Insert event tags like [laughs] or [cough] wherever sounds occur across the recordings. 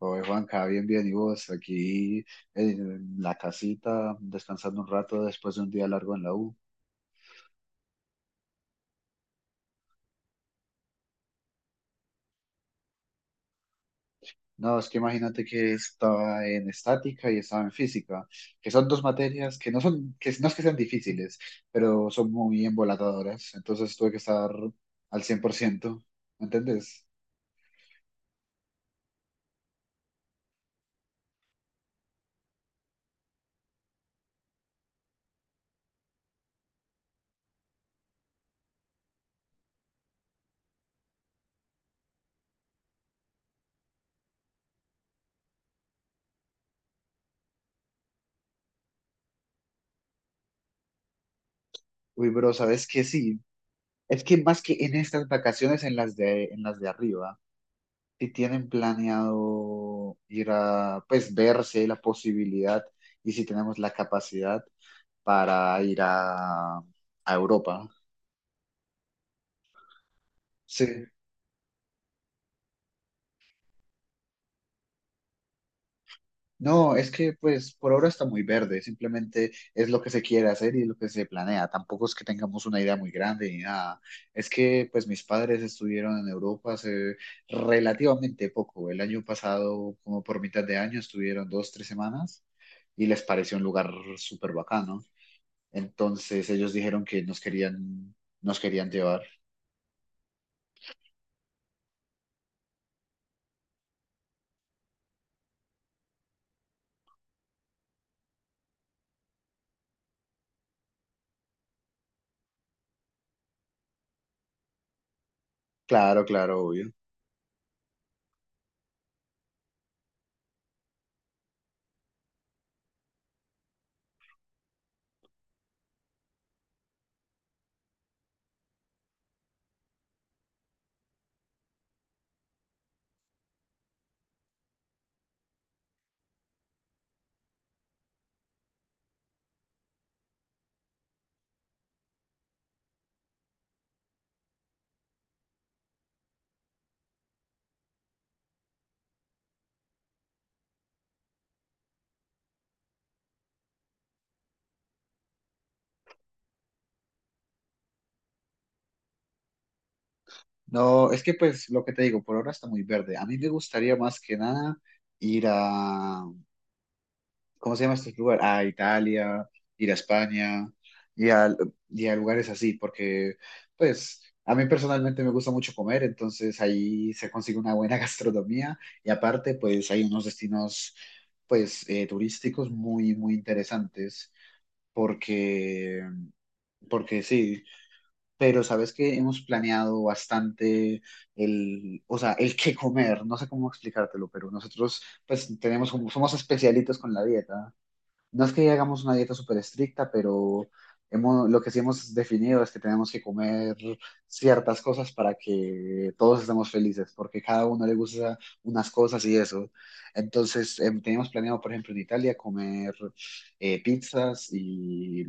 Oye, Juanca, bien, bien, y vos aquí en la casita, descansando un rato después de un día largo en la U. No, es que imagínate que estaba en estática y estaba en física, que son dos materias que no son, que no es que sean difíciles, pero son muy embolatadoras, entonces tuve que estar al 100%, ¿me entendés? Uy, bro, ¿sabes qué? Sí, es que más que en estas vacaciones, en las de arriba. Si tienen planeado ir a, pues, ver si hay la posibilidad y si tenemos la capacidad para ir a Europa. Sí, no, es que pues por ahora está muy verde, simplemente es lo que se quiere hacer y lo que se planea. Tampoco es que tengamos una idea muy grande ni nada. Es que pues mis padres estuvieron en Europa hace relativamente poco. El año pasado, como por mitad de año, estuvieron 2, 3 semanas y les pareció un lugar súper bacano. Entonces ellos dijeron que nos querían llevar. Claro, claro, obvio. No, es que pues lo que te digo, por ahora está muy verde. A mí me gustaría más que nada ir a, ¿cómo se llama este lugar? A Italia, ir a España y a, y a lugares así, porque pues a mí personalmente me gusta mucho comer, entonces ahí se consigue una buena [laughs] gastronomía y aparte pues hay unos destinos pues turísticos muy, muy interesantes porque porque sí, pero sabes que hemos planeado bastante el, o sea, el qué comer, no sé cómo explicártelo, pero nosotros pues tenemos como, somos especialitos con la dieta. No es que hagamos una dieta súper estricta, pero hemos, lo que sí hemos definido es que tenemos que comer ciertas cosas para que todos estemos felices, porque cada uno le gusta unas cosas y eso. Entonces, teníamos planeado, por ejemplo, en Italia comer pizzas y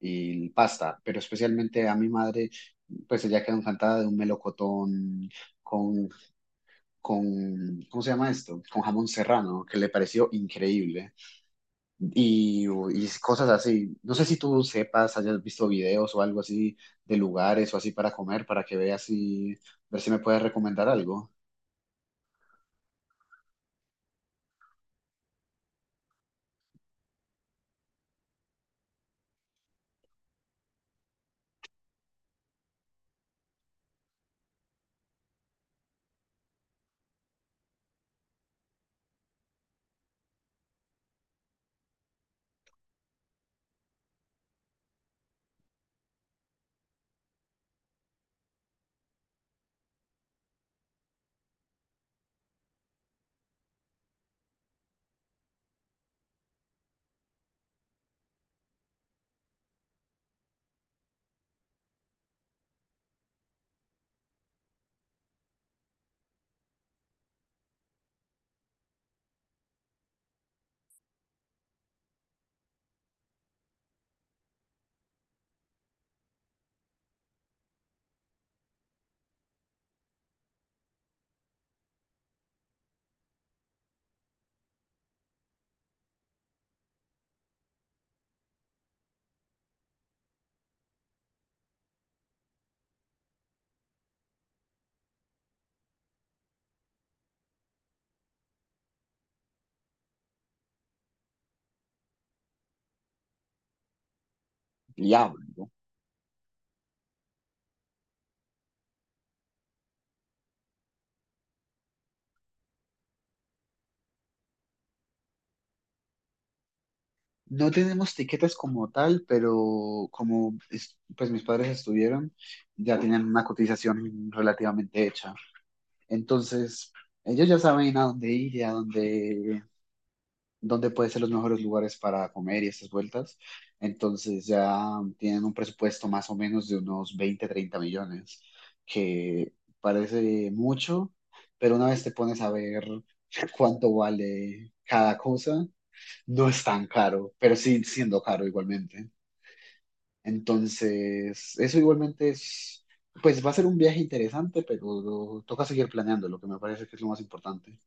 y pasta, pero especialmente a mi madre, pues ella quedó encantada de un melocotón con, con, ¿cómo se llama esto? Con jamón serrano, que le pareció increíble. Y cosas así. No sé si tú sepas, hayas visto videos o algo así de lugares o así para comer, para que veas y ver si me puedes recomendar algo. Diablo. No No tenemos tiquetes como tal, pero como es- pues mis padres estuvieron, ya tienen una cotización relativamente hecha. Entonces, ellos ya saben a dónde ir y a dónde, dónde pueden ser los mejores lugares para comer y estas vueltas. Entonces, ya tienen un presupuesto más o menos de unos 20, 30 millones, que parece mucho, pero una vez te pones a ver [laughs] cuánto vale cada cosa, no es tan caro, pero sí siendo caro igualmente. Entonces, eso igualmente es, pues va a ser un viaje interesante, pero toca seguir planeando, lo que me parece que es lo más importante.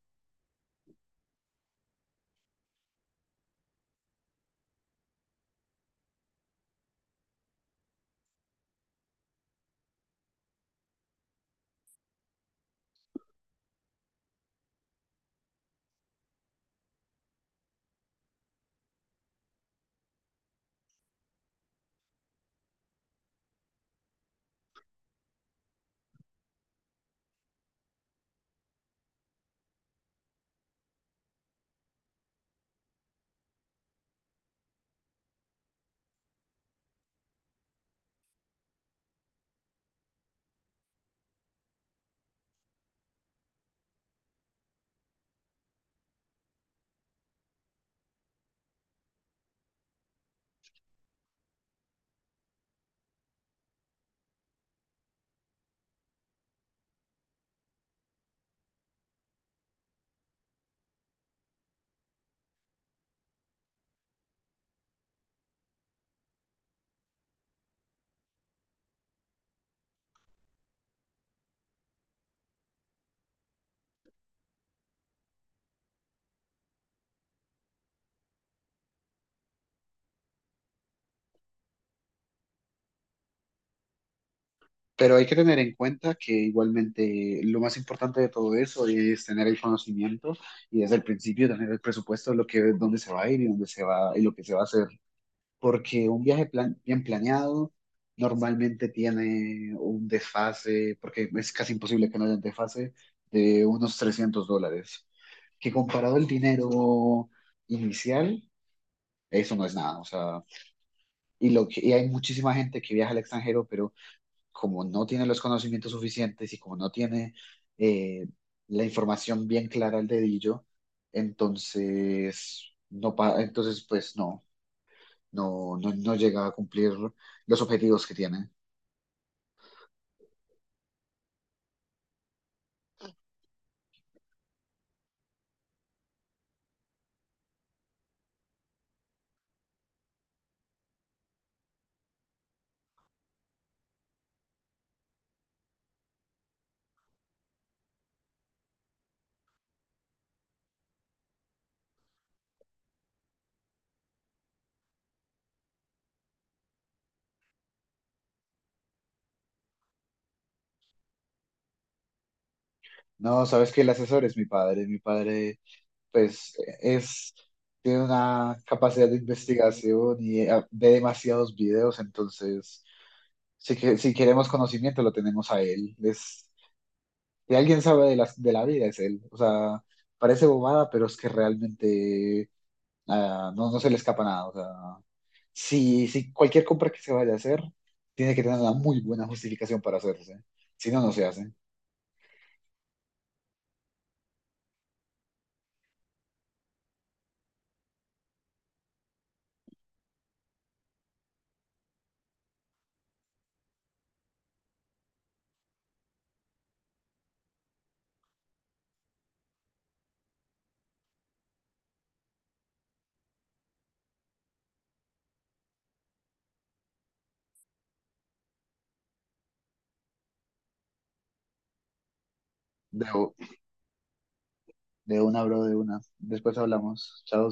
Pero hay que tener en cuenta que igualmente lo más importante de todo eso es tener el conocimiento y desde el principio tener el presupuesto de lo que, dónde se va a ir y dónde se va y lo que se va a hacer. Porque un viaje plan- bien planeado normalmente tiene un desfase, porque es casi imposible que no haya un desfase, de unos $300. Que comparado al dinero inicial, eso no es nada. O sea, y, lo que, y hay muchísima gente que viaja al extranjero, pero como no tiene los conocimientos suficientes y como no tiene eh, la información bien clara al dedillo, entonces, entonces pues no llega a cumplir los objetivos que tiene. No, sabes que el asesor es mi padre, pues es, tiene una capacidad de investigación y ve demasiados videos, entonces si queremos conocimiento lo tenemos a él, es que alguien sabe de la vida es él. O sea, parece bobada, pero es que realmente no, no se le escapa nada. O sea, si cualquier compra que se vaya a hacer, tiene que tener una muy buena justificación para hacerse. Si no, no se hace. De, u- de una, bro, de una. Después hablamos. Chao.